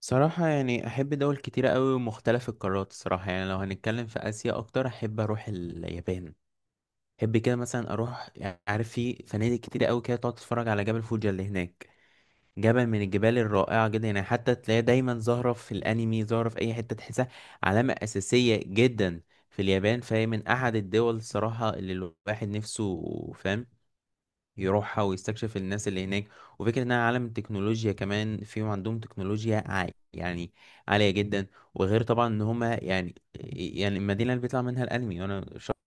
صراحة يعني أحب دول كتيرة أوي ومختلف القارات الصراحة. يعني لو هنتكلم في آسيا أكتر، أحب أروح اليابان. أحب كده مثلا أروح، يعني عارف، في فنادق كتيرة أوي كده تقعد تتفرج على جبل فوجي اللي هناك. جبل من الجبال الرائعة جدا، يعني حتى تلاقيها دايما ظاهرة في الأنمي، ظاهرة في أي حتة تحسها علامة أساسية جدا في اليابان. فهي من أحد الدول الصراحة اللي الواحد نفسه، فاهم، يروحها ويستكشف الناس اللي هناك. وفكرة انها عالم تكنولوجيا كمان، فيهم عندهم تكنولوجيا عالية، يعني عالية جدا. وغير طبعا ان هما يعني، يعني المدينة اللي بيطلع منها الانمي، وانا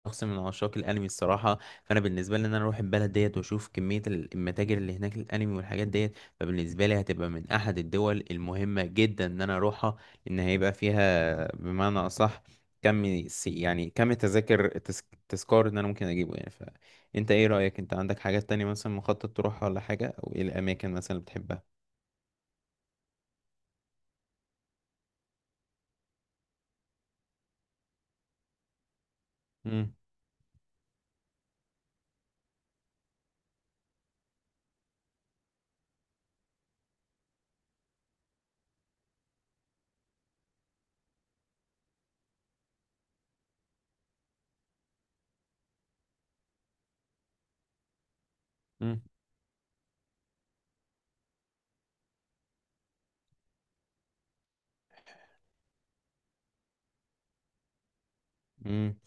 شخص من عشاق الانمي الصراحة. فانا بالنسبة لي ان انا اروح البلد ديت واشوف كمية المتاجر اللي هناك الانمي والحاجات ديت، فبالنسبة لي هتبقى من احد الدول المهمة جدا ان انا اروحها. لان هيبقى فيها، بمعنى اصح، يعني كم التذاكر التذكار ان انا ممكن اجيبه، يعني انت ايه رأيك؟ انت عندك حاجات تانية مثلا مخطط تروحها ولا حاجة، او ايه الاماكن مثلا اللي بتحبها؟ امم. امم. امم.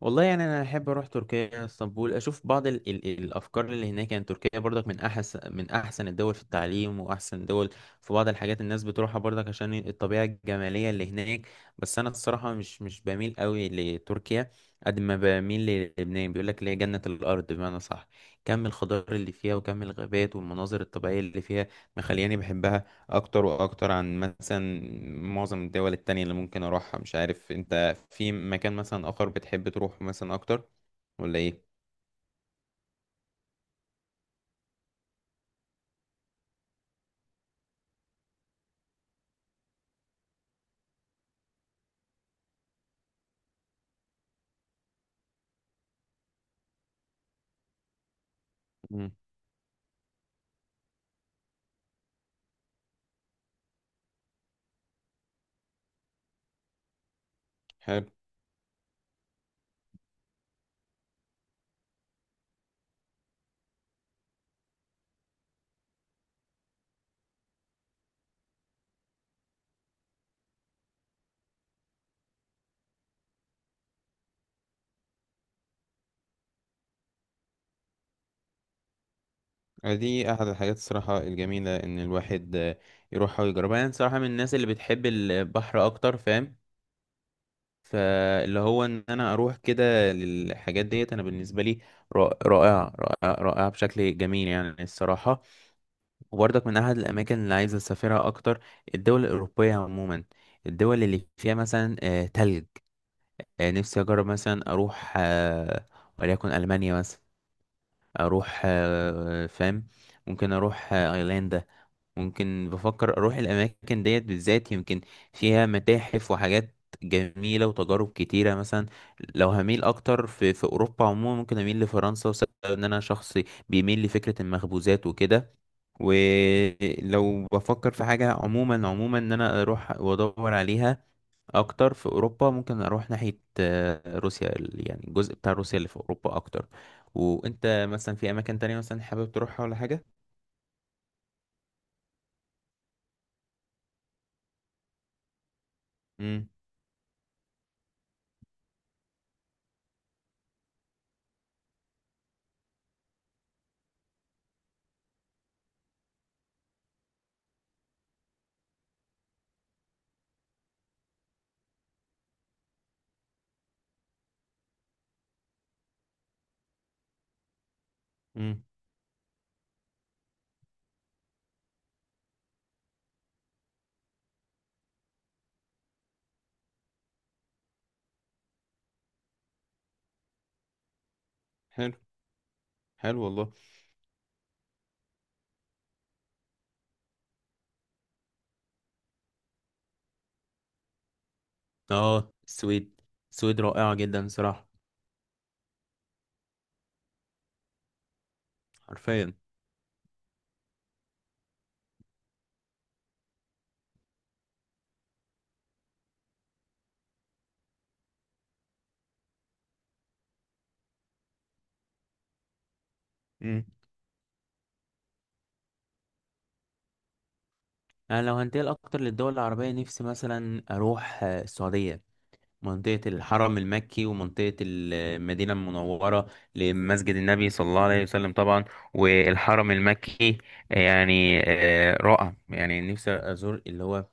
والله يعني انا احب اروح تركيا، اسطنبول، اشوف بعض ال ال الافكار اللي هناك. يعني تركيا برضك من احسن الدول في التعليم، واحسن دول في بعض الحاجات الناس بتروحها برضك عشان الطبيعه الجماليه اللي هناك. بس انا الصراحه مش بميل قوي لتركيا، قد ما بميل للبنان، بيقول لك اللي هي جنه الارض، بمعنى صح، كم الخضار اللي فيها وكم الغابات والمناظر الطبيعيه اللي فيها مخلياني بحبها اكتر واكتر عن مثلا معظم الدول التانية اللي ممكن اروحها. مش عارف انت في مكان مثلا آخر بتحب تروحه مثلا أكتر ولا إيه؟ مم. حلو. دي أحد الحاجات الصراحة الجميلة إن الواحد يروح ويجربها. أنا صراحة من الناس اللي بتحب البحر أكتر، فاهم، فاللي هو إن أنا أروح كده للحاجات ديت. أنا بالنسبة لي رائعة رائعة رائعة رائعة بشكل جميل يعني الصراحة. وبرضك من أحد الأماكن اللي عايز أسافرها أكتر الدول الأوروبية عموما، الدول اللي فيها مثلا تلج. نفسي أجرب مثلا أروح، وليكن ألمانيا مثلا، اروح، فاهم، ممكن اروح ايرلندا. ممكن بفكر اروح الاماكن ديت بالذات يمكن فيها متاحف وحاجات جميلة وتجارب كتيرة. مثلا لو هميل أكتر في أوروبا عموما، ممكن أميل لفرنسا، وسبب إن أنا شخص بيميل لفكرة المخبوزات وكده. ولو بفكر في حاجة عموما عموما إن أنا أروح وأدور عليها اكتر في اوروبا، ممكن اروح ناحيه روسيا، يعني الجزء بتاع روسيا اللي في اوروبا اكتر. وانت مثلا في اماكن تانية مثلا حابب تروحها ولا حاجه؟ امم. امم. حلو. حلو والله. اه، السويد. السويد رائعه جدا صراحه، حرفيا. امم. انا لو هنتقل اكتر للدول العربيه، نفسي مثلا اروح السعوديه، منطقة الحرم المكي ومنطقة المدينة المنورة، لمسجد النبي صلى الله عليه وسلم طبعا، والحرم المكي. يعني رائع، يعني نفسي أزور اللي هو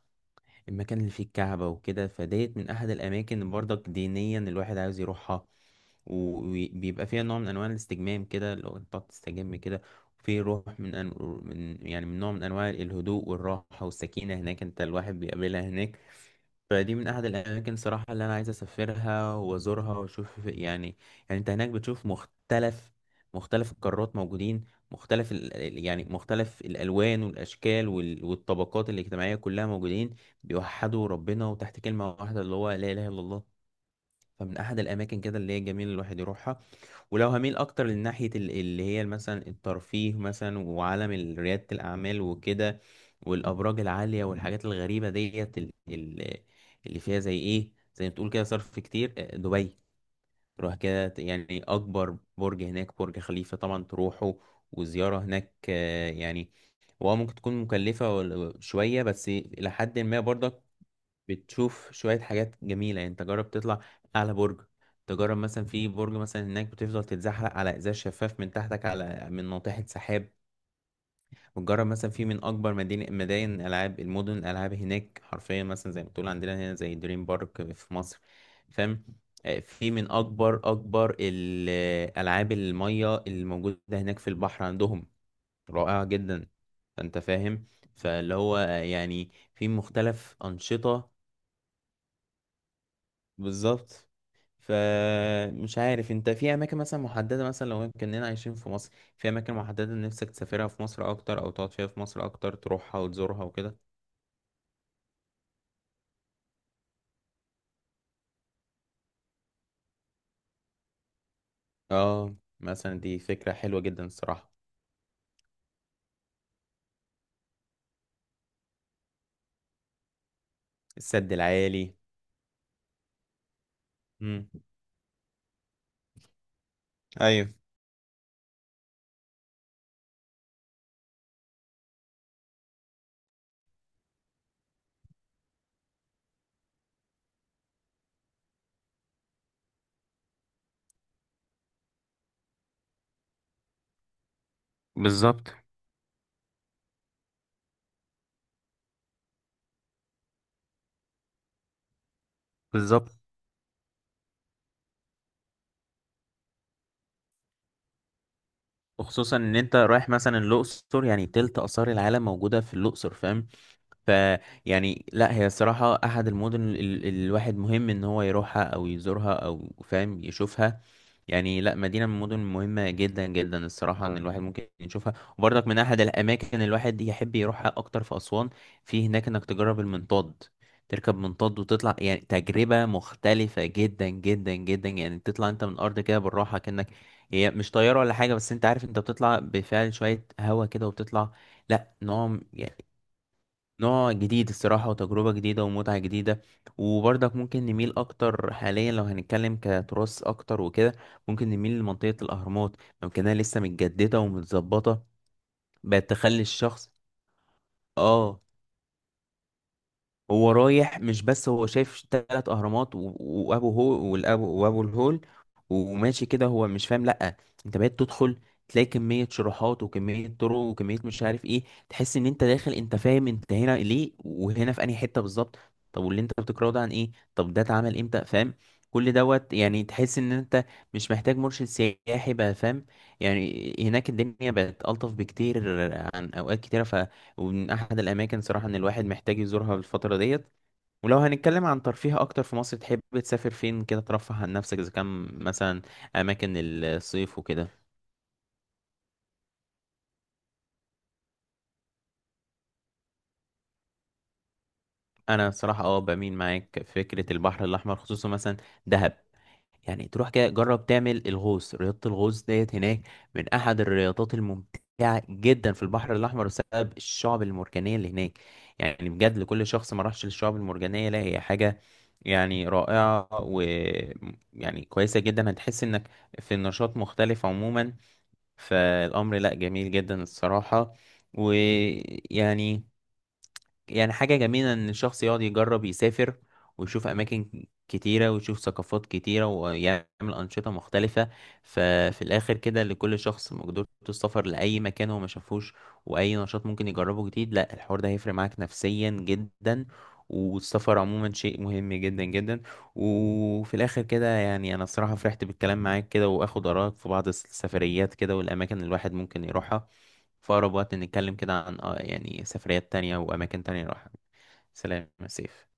المكان اللي فيه الكعبة وكده. فديت من أحد الأماكن اللي برضك دينيا الواحد عاوز يروحها، وبيبقى فيها نوع من أنواع الاستجمام كده، لو أنت بتقعد تستجم كده. في روح من, أن... من يعني من نوع من أنواع الهدوء والراحة والسكينة هناك، أنت الواحد بيقابلها هناك. فدي من احد الاماكن صراحه اللي انا عايز اسافرها وازورها واشوف، يعني يعني انت هناك بتشوف مختلف القارات موجودين، يعني مختلف الالوان والاشكال والطبقات الاجتماعيه كلها موجودين، بيوحدوا ربنا وتحت كلمه واحده اللي هو لا اله الا الله. فمن احد الاماكن كده اللي هي جميل الواحد يروحها. ولو هميل اكتر لناحيه اللي هي مثلا الترفيه مثلا وعالم رياده الاعمال وكده، والابراج العاليه والحاجات الغريبه ديت، اللي فيها زي ايه، زي ما تقول كده صرف كتير، دبي. تروح كده يعني اكبر برج هناك، برج خليفه طبعا تروحه. وزياره هناك يعني هو ممكن تكون مكلفه شويه، بس الى حد ما برضك بتشوف شوية حاجات جميلة. يعني انت جرب تطلع أعلى برج، تجرب مثلا في برج مثلا هناك بتفضل تتزحلق على إزاز شفاف من تحتك على من ناطحة سحاب. وتجرب مثلا في من أكبر مدينة مدائن الألعاب المدن الألعاب هناك، حرفيا مثلا زي ما بتقول عندنا هنا زي دريم بارك في مصر، فاهم. في من أكبر الألعاب المية الموجودة هناك في البحر عندهم، رائعة جدا. فأنت فاهم، فاللي هو يعني في مختلف أنشطة. بالظبط. فمش عارف انت في اماكن مثلا محدده، مثلا لو كاننا عايشين في مصر، في اماكن محدده نفسك تسافرها في مصر اكتر، او تقعد فيها في مصر اكتر تروحها وتزورها وكده؟ اه مثلا، دي فكره حلوه جدا الصراحه. السد العالي. امم. ايوه. بالظبط. بالظبط، وخصوصا ان انت رايح مثلا الاقصر، يعني تلت اثار العالم موجوده في الاقصر، فاهم. فيعني لا هي الصراحة أحد المدن الواحد مهم إن هو يروحها أو يزورها أو فاهم يشوفها. يعني لا، مدينة من المدن مهمة جدا جدا الصراحة إن الواحد ممكن يشوفها. وبرضك من أحد الأماكن الواحد يحب يروحها أكتر في أسوان، في هناك إنك تجرب المنطاد، تركب منطاد وتطلع، يعني تجربة مختلفة جدا جدا جدا. يعني تطلع انت من الأرض كده بالراحة، كأنك هي مش طيارة ولا حاجة، بس انت عارف انت بتطلع بفعل شوية هوا كده وبتطلع. لا نوم نوع جديد الصراحة، وتجربة جديدة ومتعة جديدة. وبرضك ممكن نميل أكتر حاليا، لو هنتكلم كتراث أكتر وكده، ممكن نميل لمنطقة الأهرامات. ممكنها لسه متجددة ومتظبطة، بقت تخلي الشخص. اه، هو رايح مش بس هو شايف 3 اهرامات وابو هو والابو وابو الهول وماشي كده هو مش فاهم. لا، انت بقيت تدخل، تلاقي كمية شروحات وكمية طرق وكمية مش عارف ايه. تحس ان انت داخل، انت فاهم انت هنا ليه، وهنا في انهي حتة بالظبط. طب واللي انت بتقراه ده عن ايه، طب ده اتعمل امتى، فاهم. كل دوت يعني تحس ان انت مش محتاج مرشد سياحي بقى، فاهم. يعني هناك الدنيا بقت ألطف بكتير عن اوقات كتيرة. ومن احد الاماكن صراحة ان الواحد محتاج يزورها الفترة ديت. ولو هنتكلم عن ترفيه اكتر في مصر، تحب تسافر فين كده ترفه عن نفسك، اذا كان مثلا اماكن الصيف وكده؟ انا صراحة اه بميل معاك في فكرة البحر الاحمر، خصوصا مثلا دهب. يعني تروح كده جرب تعمل الغوص، رياضة الغوص ديت هناك من أحد الرياضات الممتعة جدا في البحر الأحمر، بسبب الشعب المرجانية اللي هناك. يعني بجد لكل شخص ما راحش للشعب المرجانية، لا هي حاجة يعني رائعة و يعني كويسة جدا. هتحس إنك في النشاط مختلف عموما، فالأمر لا جميل جدا الصراحة. ويعني يعني حاجة جميلة إن الشخص يقعد يجرب يسافر، ويشوف أماكن كتيرة ويشوف ثقافات كتيرة ويعمل أنشطة مختلفة. ففي الآخر كده، لكل شخص مقدرة السفر لأي مكان هو ما شافوش، وأي نشاط ممكن يجربه جديد، لا الحوار ده هيفرق معاك نفسيا جدا. والسفر عموما شيء مهم جدا جدا. وفي الآخر كده يعني أنا الصراحة فرحت بالكلام معاك كده، وآخد آرائك في بعض السفريات كده والأماكن اللي الواحد ممكن يروحها. في أقرب وقت نتكلم كده عن يعني سفريات تانية وأماكن تانية نروحها. سلام يا سيف.